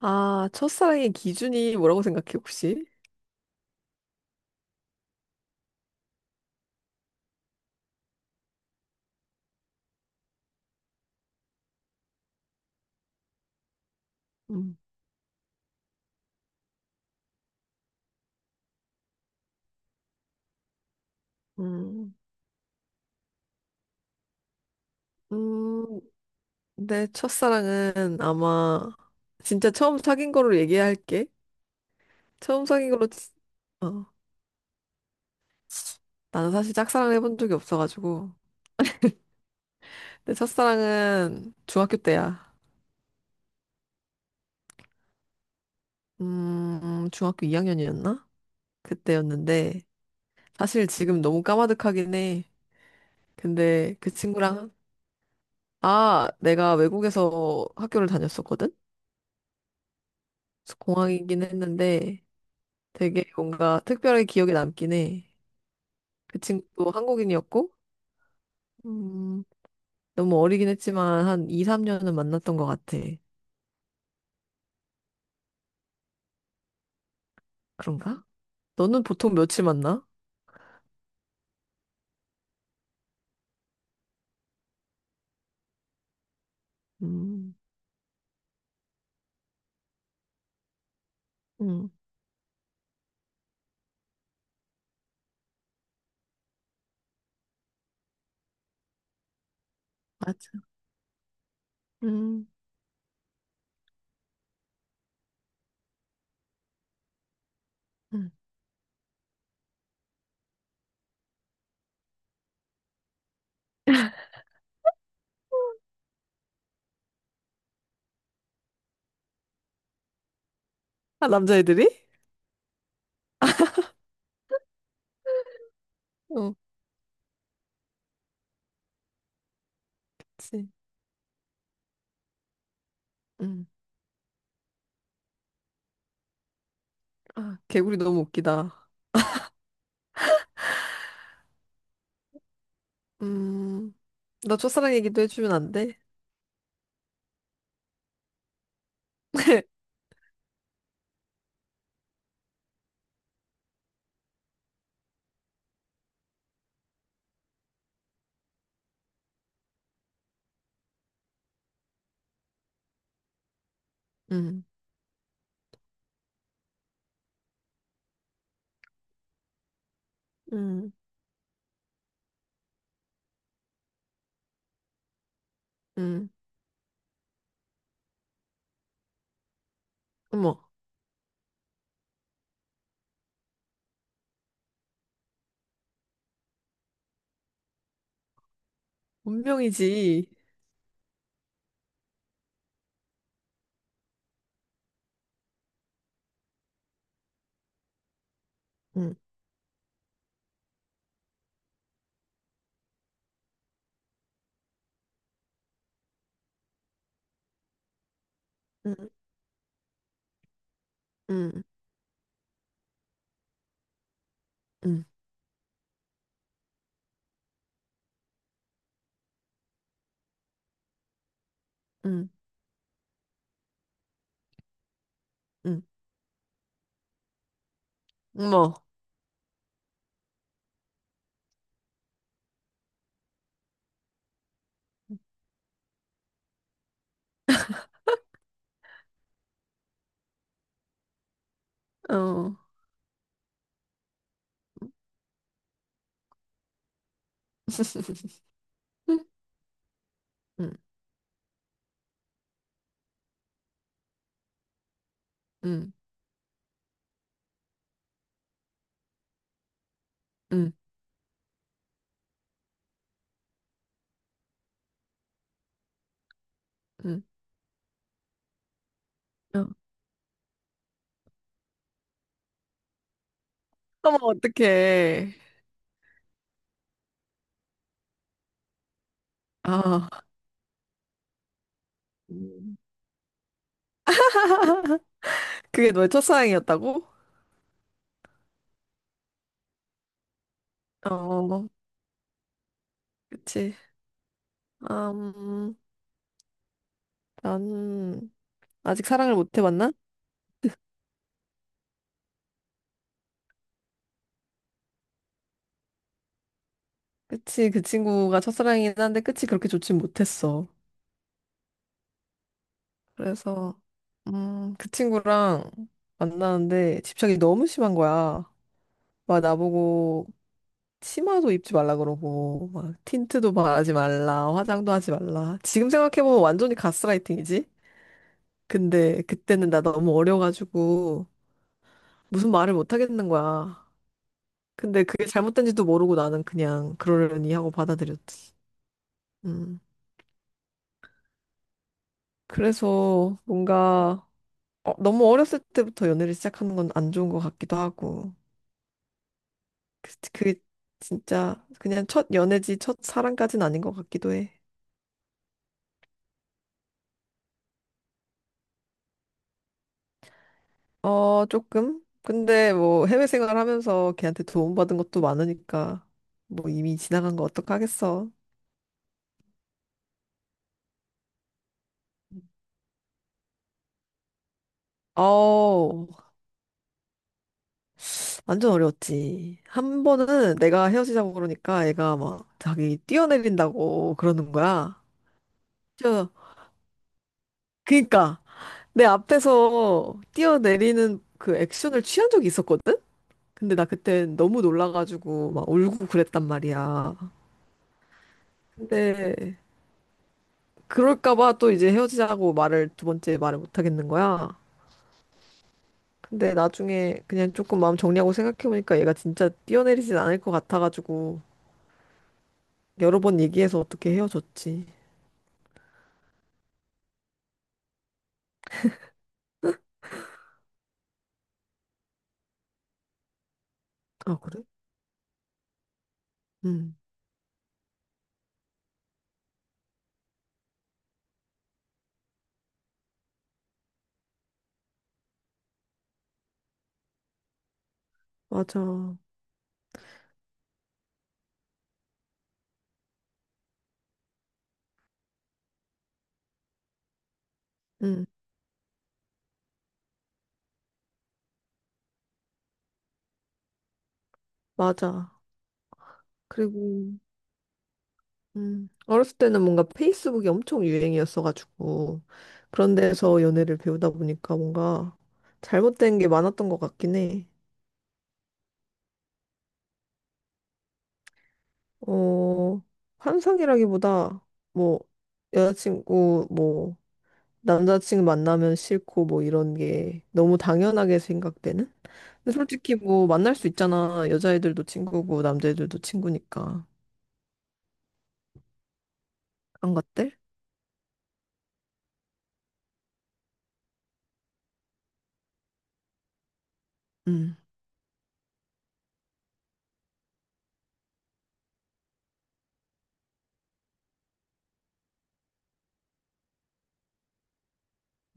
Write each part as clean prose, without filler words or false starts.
아, 첫사랑의 기준이 뭐라고 생각해, 혹시? 음. 음, 음, 내 첫사랑은 아마 진짜 처음 사귄 거로 얘기할게. 처음 사귄 거로, 어, 나는 사실 짝사랑을 해본 적이 없어가지고. 내 첫사랑은 중학교 때야. 중학교 2학년이었나? 그때였는데, 사실 지금 너무 까마득하긴 해. 근데 그 친구랑, 아, 내가 외국에서 학교를 다녔었거든? 그래서 공항이긴 했는데, 되게 뭔가 특별하게 기억에 남긴 해. 그 친구도 한국인이었고, 음, 너무 어리긴 했지만 한 2, 3년은 만났던 것 같아. 그런가? 너는 보통 며칠 만나? 음, 음, 맞아. 음, 음. 아, 남자애들이? 어, 그치. 음. 아, 개구리 너무 웃기다. 음, 나 첫사랑 얘기도 해주면 안 돼? 음, 음, 음. 어머, 운명이지. 음, 음, 음, 음, 음, 음. 어머, 어. 응, 응, 응, 응. 어, 어머, 어떡해. 아 음, 그게 너의 첫사랑이었다고? 어, 그치. 아, 나는 아직 사랑을 못 해봤나? 그치, 그 친구가 첫사랑이긴 한데 끝이 그렇게 좋진 못했어. 그래서, 그 친구랑 만나는데 집착이 너무 심한 거야. 막 나보고 치마도 입지 말라 그러고 막 틴트도 바르지 말라 화장도 하지 말라 지금 생각해보면 완전히 가스라이팅이지. 근데 그때는 나 너무 어려가지고 무슨 말을 못 하겠는 거야. 근데 그게 잘못된지도 모르고 나는 그냥 그러려니 하고 받아들였지. 음 그래서 뭔가 너무 어렸을 때부터 연애를 시작하는 건 안 좋은 것 같기도 하고 그게 진짜 그냥 첫 연애지 첫 사랑까진 아닌 것 같기도 해. 어, 조금? 근데 뭐 해외 생활하면서 걔한테 도움받은 것도 많으니까 뭐 이미 지나간 거 어떡하겠어. 어우, 완전 어려웠지. 한 번은 내가 헤어지자고 그러니까 애가 막 자기 뛰어내린다고 그러는 거야. 뛰어, 그니까 내 앞에서 뛰어내리는 그 액션을 취한 적이 있었거든? 근데 나 그때 너무 놀라가지고 막 울고 그랬단 말이야. 근데 그럴까봐 또 이제 헤어지자고 말을 두 번째 말을 못 하겠는 거야. 근데 나중에 그냥 조금 마음 정리하고 생각해보니까 얘가 진짜 뛰어내리진 않을 것 같아가지고 여러 번 얘기해서 어떻게 헤어졌지. 아, 그래? 응, 맞아. 응, 맞아. 그리고, 어렸을 때는 뭔가 페이스북이 엄청 유행이었어가지고 그런 데서 연애를 배우다 보니까 뭔가 잘못된 게 많았던 것 같긴 해. 어, 환상이라기보다, 뭐, 여자친구, 뭐, 남자친구 만나면 싫고, 뭐, 이런 게 너무 당연하게 생각되는? 근데 솔직히 뭐, 만날 수 있잖아. 여자애들도 친구고, 남자애들도 친구니까. 그런 것들? 응,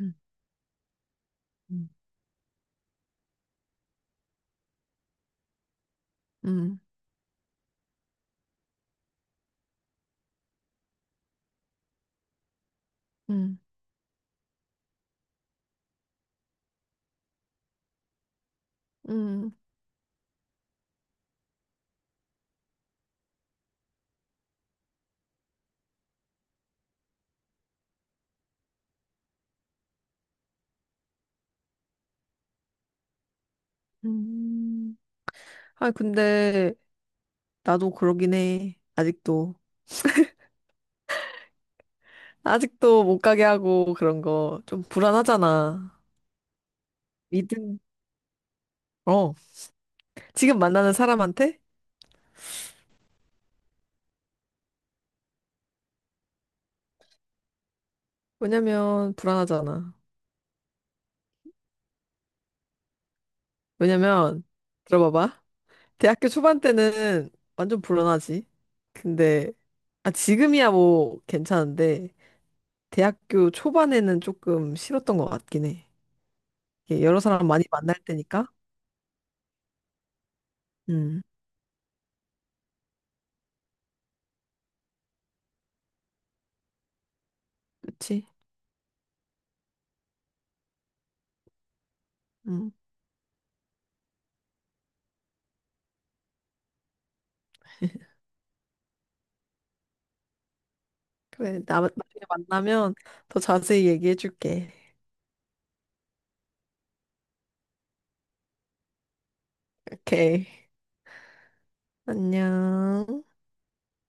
응, 응, 응, 응, 응, 응. 아, 근데, 나도 그러긴 해. 아직도. 아직도 못 가게 하고, 그런 거. 좀 불안하잖아. 믿음, 어. 지금 만나는 사람한테? 왜냐면 불안하잖아. 왜냐면 들어봐봐. 대학교 초반 때는 완전 불안하지. 근데 아 지금이야 뭐 괜찮은데 대학교 초반에는 조금 싫었던 것 같긴 해. 이게 여러 사람 많이 만날 때니까. 음, 그치? 음. 그래, 나 나중에 만나면 더 자세히 얘기해줄게. 오케이. 안녕.